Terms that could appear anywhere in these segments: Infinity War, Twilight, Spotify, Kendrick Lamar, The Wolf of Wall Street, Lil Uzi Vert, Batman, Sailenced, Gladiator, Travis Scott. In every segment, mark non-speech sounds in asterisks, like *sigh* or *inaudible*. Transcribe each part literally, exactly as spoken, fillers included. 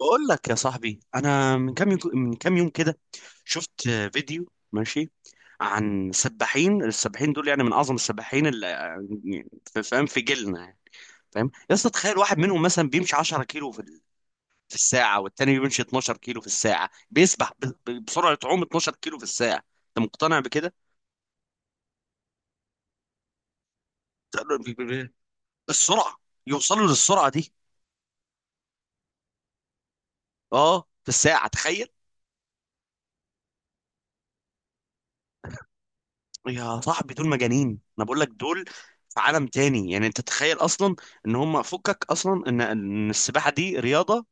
بقول لك يا صاحبي انا من كام يوم من كام يوم كده شفت فيديو. ماشي. عن سباحين السباحين دول، يعني من اعظم السباحين اللي فاهم في جيلنا يعني، فاهم يا اسطى. تخيل واحد منهم مثلا بيمشي 10 كيلو في ال- في الساعه، والتاني بيمشي 12 كيلو في الساعه، بيسبح ب- ب- بسرعه عوم 12 كيلو في الساعه. انت مقتنع بكده؟ السرعه، يوصلوا للسرعه دي. اه، في الساعه، تخيل. يا صاحبي دول مجانين، انا بقول لك دول في عالم تاني يعني. انت تخيل اصلا ان هم فكك اصلا ان ان السباحه دي رياضه،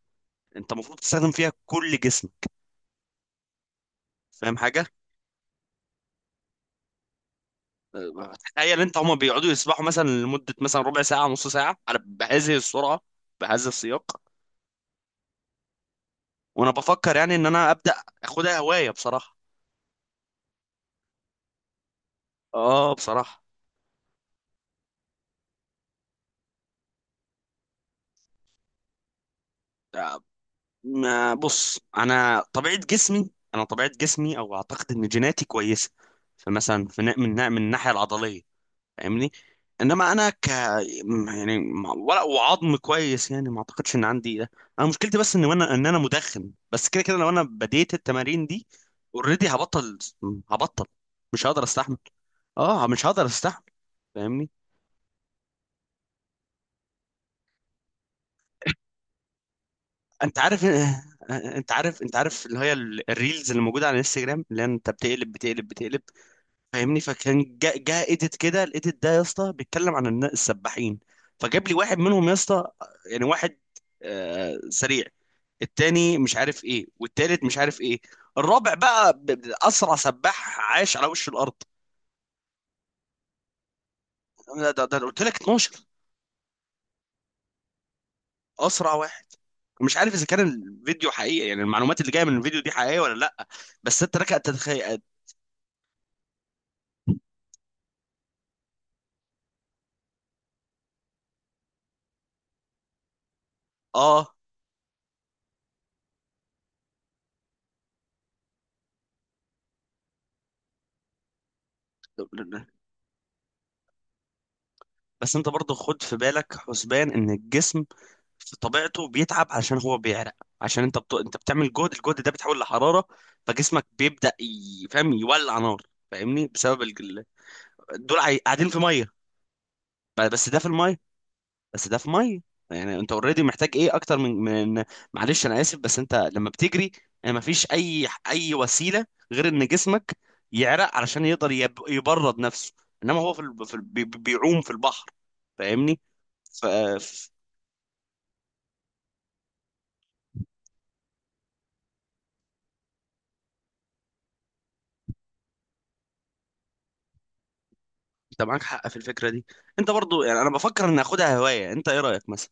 انت المفروض تستخدم فيها كل جسمك، فاهم حاجه؟ أه، تخيل انت هم بيقعدوا يسبحوا مثلا لمده مثلا ربع ساعه نص ساعه على بهذه السرعه، بهذا السياق. وانا بفكر يعني ان انا ابدا اخدها هوايه بصراحه. اه بصراحه. أه، ما- بص، انا طبيعه جسمي انا طبيعه جسمي او اعتقد ان جيناتي كويسه. فمثلا في نا- من نا- من الناحيه العضليه، فاهمني. انما انا ك م- يعني م- ولا وعظم كويس، يعني ما اعتقدش ان عندي ده. انا مشكلتي بس ان انا ان انا مدخن. بس كده كده لو انا بديت التمارين دي اوريدي هبطل هبطل، مش هقدر استحمل. اه مش هقدر استحمل، فاهمني. انت عارف؟ آه، آه، آه، انت عارف انت عارف اللي هي ال- الريلز اللي موجوده على الانستجرام، اللي هي انت بتقلب بتقلب بتقلب. فاهمني. فكان جاء جا ايديت كده، الايديت ده يا اسطى بيتكلم عن النا- السباحين. فجاب لي واحد منهم يا اسطى، يعني واحد آه سريع، التاني مش عارف ايه، والتالت مش عارف ايه، الرابع بقى ب- ب- اسرع سباح عاش على وش الارض. ده, ده, ده قلت لك اتناشر. اسرع واحد. مش عارف اذا كان الفيديو حقيقي، يعني المعلومات اللي جايه من الفيديو دي حقيقيه ولا لا، بس انت لك ان تتخيل. اه بس انت برضه خد في بالك حسبان ان الجسم في طبيعته بيتعب عشان هو بيعرق، عشان انت بت... انت بتعمل جهد، الجهد ده بيتحول لحراره، فجسمك بيبدا ي... فاهم يولع نار، فاهمني بسبب الجل... دول عاي- قاعدين في ميه. ب- بس ده في الميه. بس ده في ميه، يعني انت اوريدي محتاج ايه اكتر من من معلش انا اسف، بس انت لما بتجري ما فيش اي اي وسيله غير ان جسمك يعرق علشان يقدر يب... يبرد نفسه، انما هو في, ال... في ال... بي- بيعوم في البحر، فاهمني. انت معاك حق في الفكره دي. انت برضو يعني انا بفكر ان اخدها هوايه، انت ايه رايك مثلا؟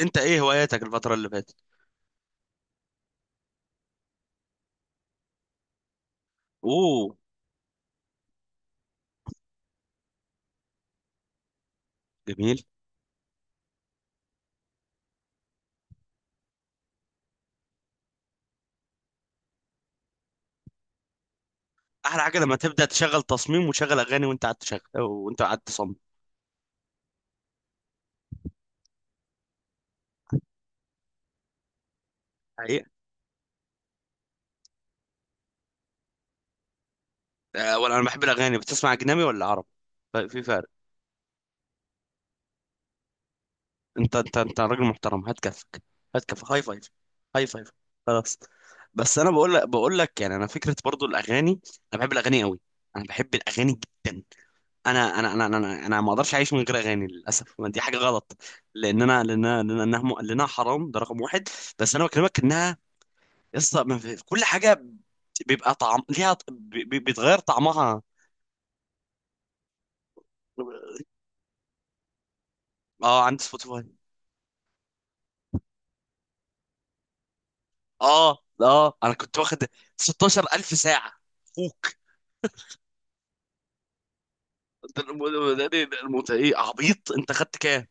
انت ايه هواياتك الفتره اللي فاتت؟ اوه. جميل. احلى حاجه لما تبدا تشغل تصميم وتشغل اغاني وانت قاعد تشغل وانت قاعد تصمم، حقيقه. أه، ولا انا بحب الاغاني. بتسمع اجنبي ولا عربي؟ ف- في فرق. انت انت انت راجل محترم، هات كفك، هات كفك، هاي فايف، هاي فايف. خلاص. بس انا بقول لك بقول لك يعني انا فكره برضو الاغاني، انا بحب الاغاني قوي، انا بحب الاغاني جدا. انا انا انا انا انا ما اقدرش اعيش من غير اغاني للاسف، دي حاجه غلط. لان انا لان أنا- لان انها م- لانها حرام، ده رقم واحد. بس انا بكلمك انها يسطا ما في- كل حاجه بيبقى طعم ليها ط- بي- بي- بيتغير طعمها. اه عندي سبوتيفاي. اه اه انا كنت واخد 16000 ساعه فوك. ده الم- ده- ده- ده الم- ايه عبيط، انت خدت كام؟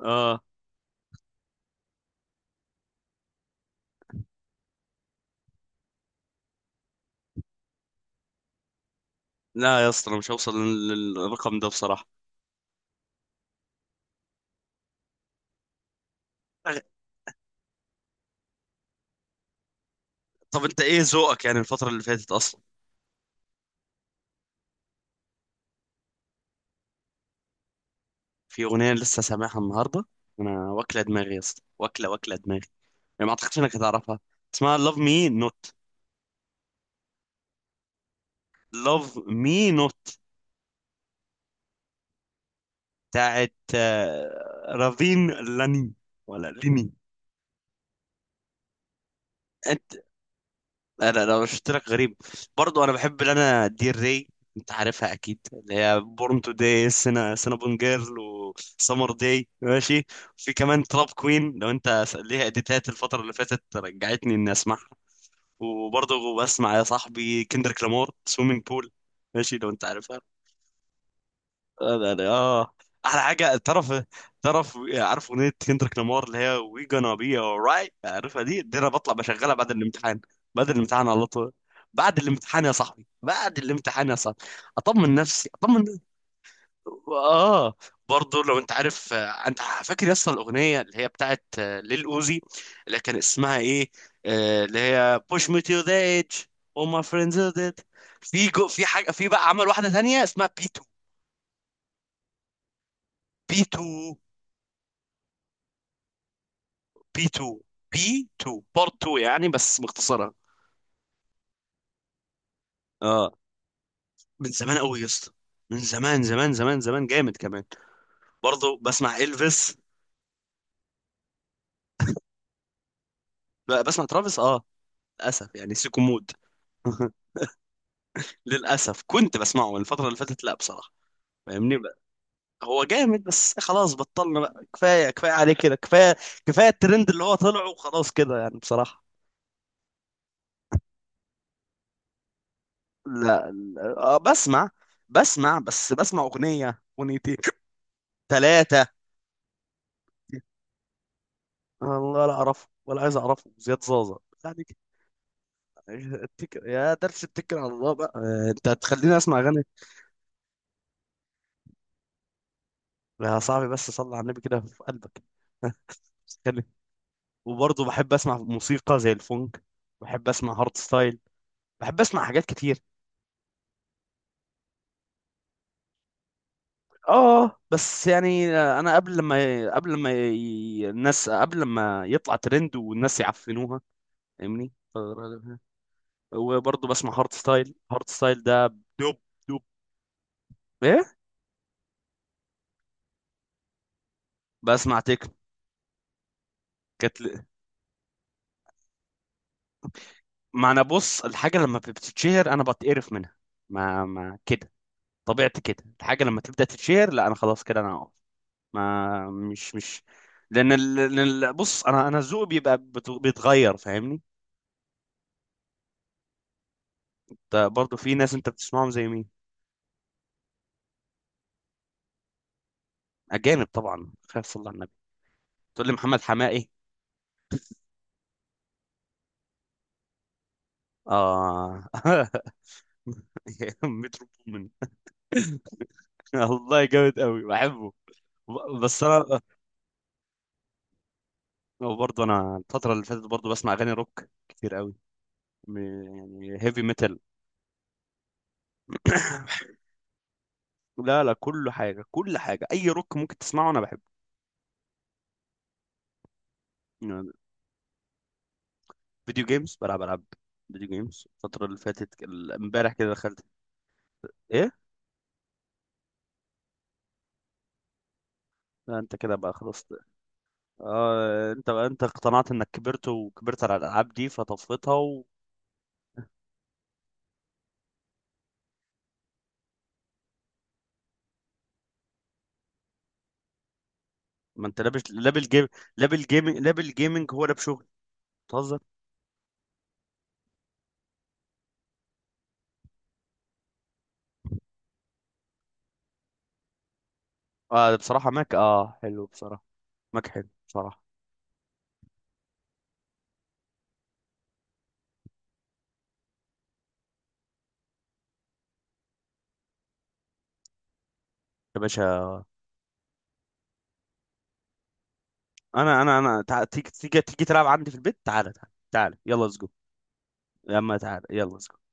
اه. لا يا اسطى انا مش هوصل لل- للرقم ده بصراحه. طب انت ايه ذوقك يعني الفتره اللي فاتت اصلا؟ في اغنيه لسه سامعها النهارده، انا واكله دماغي يا اسطى، واكله واكله دماغي، يعني ما اعتقدش انك هتعرفها. اسمها Love Me Not. Love Me Not. بتاعت آه، رافين لاني، ولا ليني. انت انا لو شفت لك غريب، برضو انا بحب انا دير ري. انت عارفها اكيد، اللي هي بورن تو داي، سنا سنابون جيرل، وسمر داي، ماشي. في كمان تراب كوين، لو انت ليها اديتات الفتره اللي فاتت رجعتني اني اسمعها. وبرضه بسمع يا صاحبي كندريك لامار، سويمنج بول، ماشي لو انت عارفها. اه. ده- اه احلى حاجه، تعرف تعرف عارف اغنيه كندريك لامار اللي هي وي gonna be alright، عارفها؟ دي دي انا بطلع بشغلها بعد الامتحان، بعد الامتحان على طول، بعد الامتحان يا صاحبي، بعد الامتحان يا صاحبي، اطمن نفسي اطمن. اه. برضه لو انت عارف، آه، انت فاكر يا اسطى الاغنيه اللي هي بتاعت آه، ليل اوزي، اللي كان اسمها ايه، آه، اللي هي push me to the edge، all my friends are dead. في جو، في حاجه، في بقى عمل واحده تانية اسمها بي اتنين. بي اتنين. بي اتنين. بي اتنين بارت اتنين يعني، بس مختصرها. اه. من زمان قوي يا اسطى، من زمان زمان زمان زمان، جامد كمان. برضه بسمع الفيس ب- بسمع ترافيس، اه. للاسف يعني سيكو مود. *laughs* للاسف كنت بسمعه من الفتره اللي فاتت، لا بصراحه، فاهمني بقى. هو جامد بس خلاص بطلنا بقى، كفايه، كفايه عليه كده، كفايه، كفايه الترند اللي هو طلعه وخلاص كده يعني بصراحه. لا, لا. آه، بسمع بسمع بس بسمع اغنيه، اغنيتين، ثلاثه. والله لا اعرفه ولا عايز اعرفه زياد زازا، يعني كده. اتكل يا درس، اتكل على الله بقى. آه، انت هتخليني اسمع اغاني. يا صاحبي بس صلي على النبي كده في قلبك. *laughs* خلي وبرضه بحب اسمع موسيقى زي الفونك، بحب اسمع هارد ستايل، بحب اسمع حاجات كتير. اه بس يعني، آه، انا قبل ما قبل ما ي- الناس قبل ما يطلع ترند والناس يعفنوها، فاهمني. فغالبا- وبرضه بسمع هارت ستايل، هارت ستايل ده دوب، دوب ايه؟ بسمع تكنو. كانت ل- ما انا بص، الحاجه لما بتتشهر انا بتقرف منها، ما ما كده. طبيعتي كده، الحاجه لما تبدا تتشهر لا انا خلاص كده، انا هقف. ما مش مش لان ال... لأن ال- بص انا انا ذوقي بيبقى بت- بيتغير، فاهمني. برضه في ناس انت بتسمعهم زي مين؟ اجانب طبعا، خير صلى على النبي، تقول لي محمد حماقي؟ اه. *laughs* مترو بومن. *laughs* والله جامد قوي بحبه. ب- بس انا برضه انا الفتره اللي فاتت برضه بسمع اغاني روك كتير قوي، م- يعني هيفي ميتال. *coughs* لا لا، كل حاجه، كل حاجه اي روك ممكن تسمعه انا بحبه. يعني فيديو جيمز، بلعب العاب فيديو جيمز الفتره اللي فاتت ك- امبارح كده دخلت، ايه؟ لا انت كده بقى خلاص. اه. انت بقى انت اقتنعت انك كبرت وكبرت على الالعاب دي فطفيتها. ما انت لابس لابل جيم. لابل جيمنج لابل جيمنج هو لاب شغل؟ بتهزر. اه بصراحه ماك، اه حلو بصراحه، ماك حلو بصراحه. يا باشا. انا انا انا تع- تيجي تيجي تيجي تلعب عندي في البيت، تعالى تعالى تعالى، يلا ليتس جو. يا عم تعالى يلا let's